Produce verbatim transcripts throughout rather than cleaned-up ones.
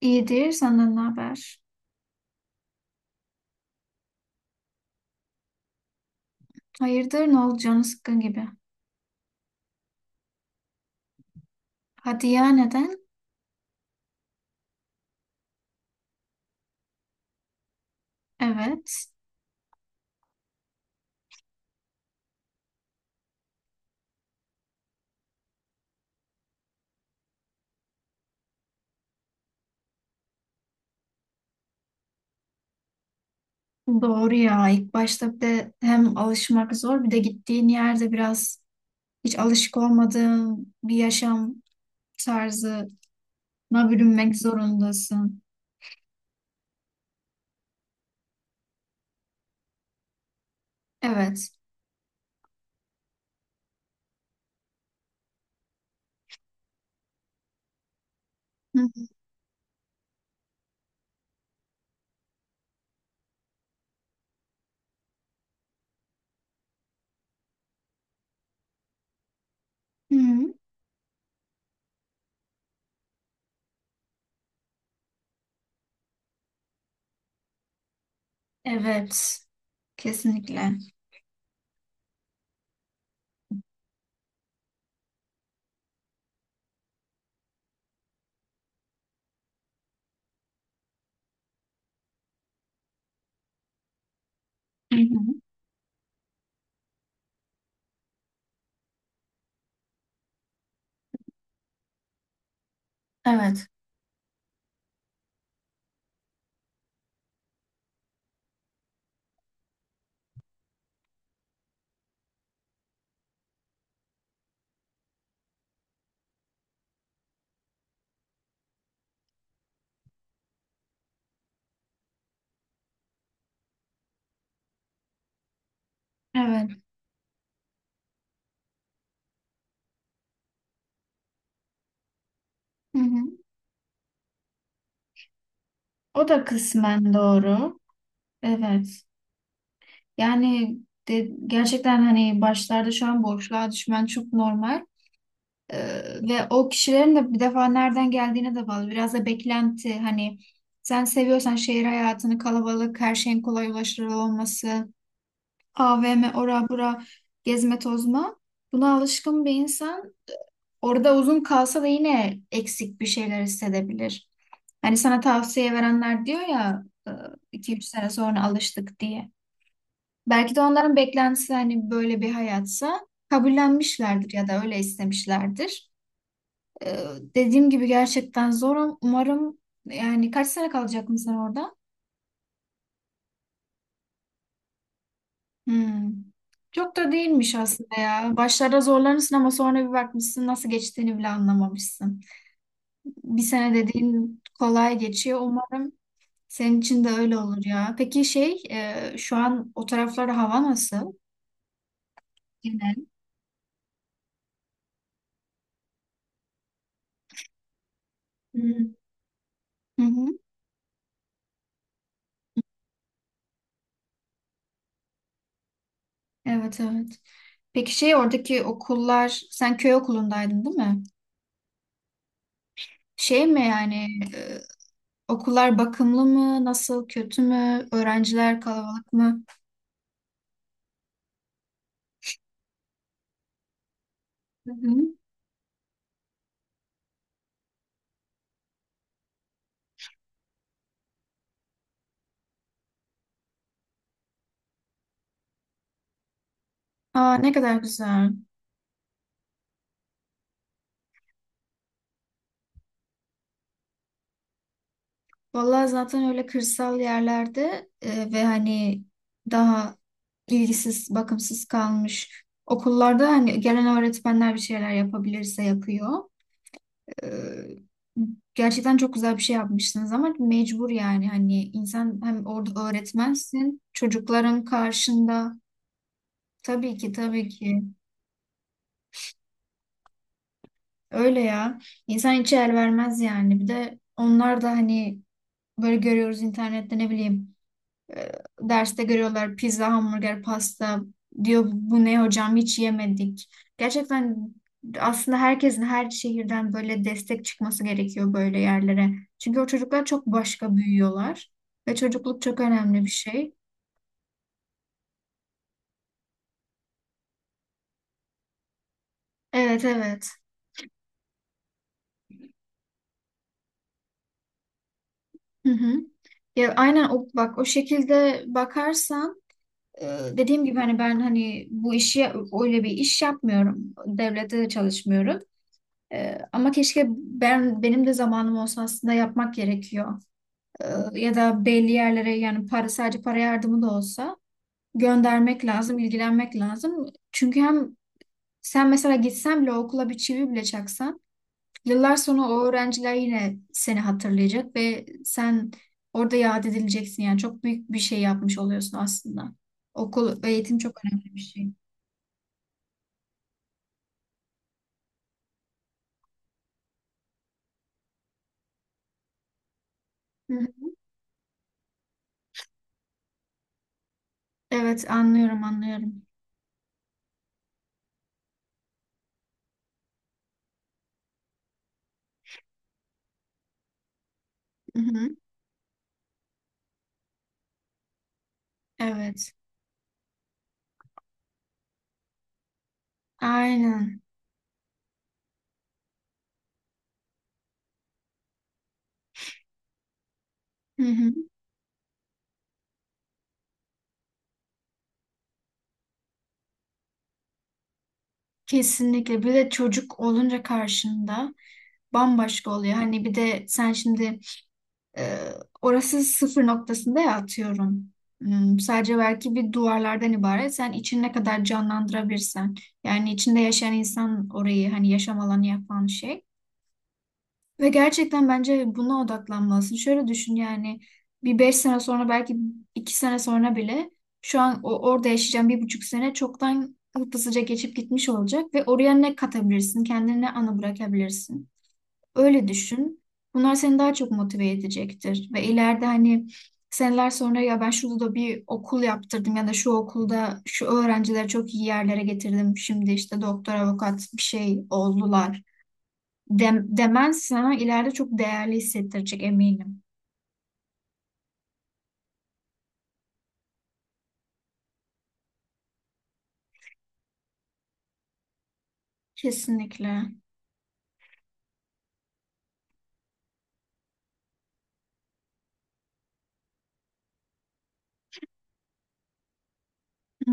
İyidir, senden ne haber? Hayırdır, ne oldu canı sıkkın gibi. Hadi ya, neden? Evet, doğru ya. İlk başta bir de hem alışmak zor, bir de gittiğin yerde biraz hiç alışık olmadığın bir yaşam tarzına bürünmek zorundasın. Evet. Hı hı. Hı hı. Evet, kesinlikle. Hı hı. Evet. Evet. Hı hı. O da kısmen doğru. Evet. Yani de, gerçekten hani başlarda şu an boşluğa düşmen çok normal. Ee, ve o kişilerin de bir defa nereden geldiğine de bağlı. Biraz da beklenti hani sen seviyorsan şehir hayatını, kalabalık, her şeyin kolay ulaşılır olması, A V M, ora bura, gezme tozma. Buna alışkın bir insan orada uzun kalsa da yine eksik bir şeyler hissedebilir. Hani sana tavsiye verenler diyor ya e, iki üç sene sonra alıştık diye. Belki de onların beklentisi hani böyle bir hayatsa kabullenmişlerdir ya da öyle istemişlerdir. Ee, dediğim gibi gerçekten zor. Umarım yani kaç sene kalacak mısın orada? Hmm. Çok da değilmiş aslında ya. Başlarda zorlanırsın ama sonra bir bakmışsın nasıl geçtiğini bile anlamamışsın. Bir sene dediğin kolay geçiyor. Umarım senin için de öyle olur ya. Peki şey e, şu an o taraflarda hava nasıl? Genel. Hı hı. Hı hı. Evet evet. Peki şey oradaki okullar sen köy okulundaydın değil mi? Şey mi yani e, okullar bakımlı mı? Nasıl kötü mü? Öğrenciler kalabalık mı? Hı hı. Aa, ne kadar güzel. Vallahi zaten öyle kırsal yerlerde e, ve hani daha ilgisiz, bakımsız kalmış okullarda hani gelen öğretmenler bir şeyler yapabilirse yapıyor. Ee, gerçekten çok güzel bir şey yapmışsınız ama mecbur yani hani insan hem orada öğretmensin çocukların karşında tabii ki tabii ki öyle ya insan hiç el vermez yani bir de onlar da hani böyle görüyoruz internette ne bileyim. E, derste görüyorlar pizza, hamburger, pasta. Diyor bu ne hocam hiç yemedik. Gerçekten aslında herkesin her şehirden böyle destek çıkması gerekiyor böyle yerlere. Çünkü o çocuklar çok başka büyüyorlar. Ve çocukluk çok önemli bir şey. Evet evet. Hı hı. Ya aynen o, bak o şekilde bakarsan e, dediğim gibi hani ben hani bu işi öyle bir iş yapmıyorum. Devlette de çalışmıyorum. Ee, ama keşke ben benim de zamanım olsa aslında yapmak gerekiyor. Ee, ya da belli yerlere yani para sadece para yardımı da olsa göndermek lazım, ilgilenmek lazım. Çünkü hem sen mesela gitsen bile okula bir çivi bile çaksan yıllar sonra o öğrenciler yine seni hatırlayacak ve sen orada yad edileceksin. Yani çok büyük bir şey yapmış oluyorsun aslında. Okul, eğitim çok önemli bir şey. Hı hı. Evet anlıyorum anlıyorum. Hı hı. Evet. Aynen. Hı hı. Kesinlikle. Bir de çocuk olunca karşında bambaşka oluyor. Hani bir de sen şimdi e, orası sıfır noktasında ya atıyorum. Hmm, sadece belki bir duvarlardan ibaret. Sen için ne kadar canlandırabilirsen. Yani içinde yaşayan insan orayı hani yaşam alanı yapan şey. Ve gerçekten bence buna odaklanmalısın. Şöyle düşün yani bir beş sene sonra belki iki sene sonra bile şu an o, orada yaşayacağım bir buçuk sene çoktan hızlıca geçip gitmiş olacak ve oraya ne katabilirsin, kendine ne anı bırakabilirsin. Öyle düşün. Bunlar seni daha çok motive edecektir ve ileride hani seneler sonra ya ben şurada da bir okul yaptırdım ya da şu okulda şu öğrencileri çok iyi yerlere getirdim. Şimdi işte doktor, avukat bir şey oldular dem demens sana ileride çok değerli hissettirecek eminim. Kesinlikle. Hı,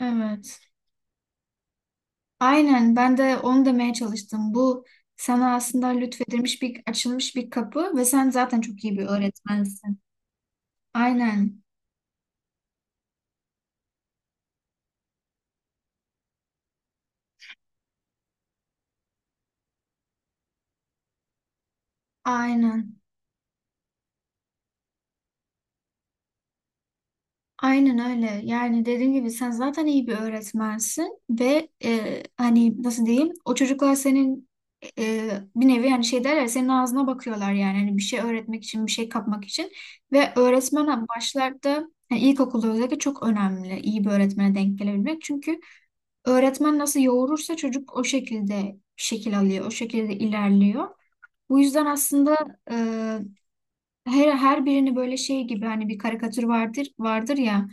Evet. Aynen ben de onu demeye çalıştım. Bu sana aslında lütfedilmiş bir açılmış bir kapı ve sen zaten çok iyi bir öğretmensin. Aynen. Aynen. Aynen öyle. Yani dediğim gibi sen zaten iyi bir öğretmensin ve e, hani nasıl diyeyim o çocuklar senin e, bir nevi yani şey derler senin ağzına bakıyorlar yani hani bir şey öğretmek için bir şey kapmak için ve öğretmen hani başlarda yani ilkokulda özellikle çok önemli iyi bir öğretmene denk gelebilmek. Çünkü öğretmen nasıl yoğurursa çocuk o şekilde şekil alıyor, o şekilde ilerliyor. Bu yüzden aslında e, her, her birini böyle şey gibi hani bir karikatür vardır vardır ya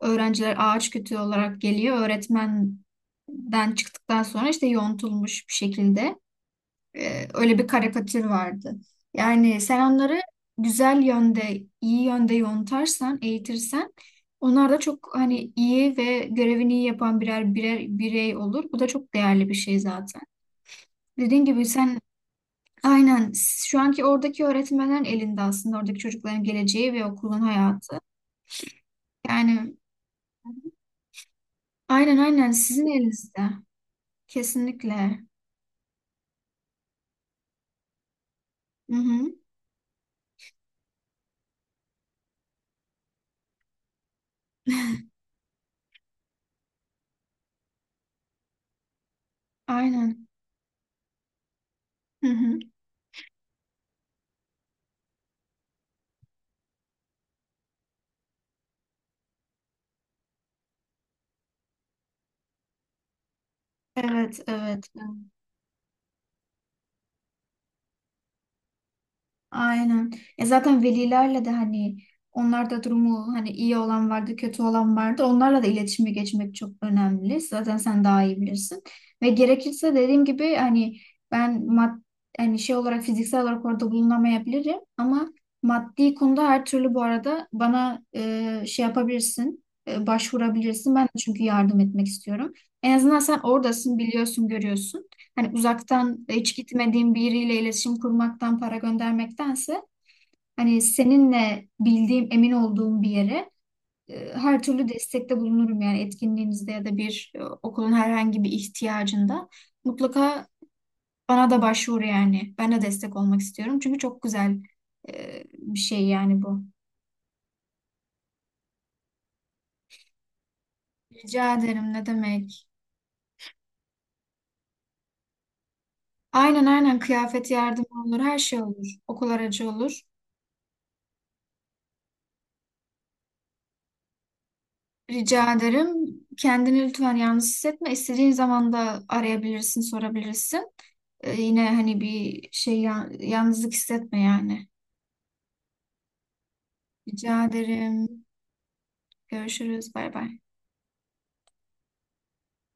öğrenciler ağaç kütüğü olarak geliyor öğretmenden çıktıktan sonra işte yontulmuş bir şekilde e, öyle bir karikatür vardı. Yani sen onları güzel yönde iyi yönde yontarsan eğitirsen onlar da çok hani iyi ve görevini iyi yapan birer birer birey olur. Bu da çok değerli bir şey zaten. Dediğin gibi sen. Aynen. Şu anki oradaki öğretmenlerin elinde aslında oradaki çocukların geleceği ve okulun hayatı. Yani aynen aynen sizin elinizde. Kesinlikle. Hı hı. Aynen. Hı hı. Evet, evet. Aynen. Ya zaten velilerle de hani onlar da durumu hani iyi olan vardı, kötü olan vardı. Onlarla da iletişime geçmek çok önemli. Zaten sen daha iyi bilirsin. Ve gerekirse dediğim gibi hani ben mad hani şey olarak fiziksel olarak orada bulunamayabilirim ama maddi konuda her türlü bu arada bana e, şey yapabilirsin, e, başvurabilirsin. Ben de çünkü yardım etmek istiyorum. En azından sen oradasın, biliyorsun, görüyorsun. Hani uzaktan hiç gitmediğim biriyle iletişim kurmaktan para göndermektense hani seninle bildiğim, emin olduğum bir yere e, her türlü destekte bulunurum yani etkinliğinizde ya da bir e, okulun herhangi bir ihtiyacında. Mutlaka bana da başvur yani. Ben de destek olmak istiyorum. Çünkü çok güzel e, bir şey yani bu. Rica ederim ne demek. Aynen aynen kıyafet yardımı olur, her şey olur. Okul aracı olur. Rica ederim. Kendini lütfen yalnız hissetme. İstediğin zaman da arayabilirsin, sorabilirsin. Ee, yine hani bir şey ya- yalnızlık hissetme yani. Rica ederim. Görüşürüz. Bay bay.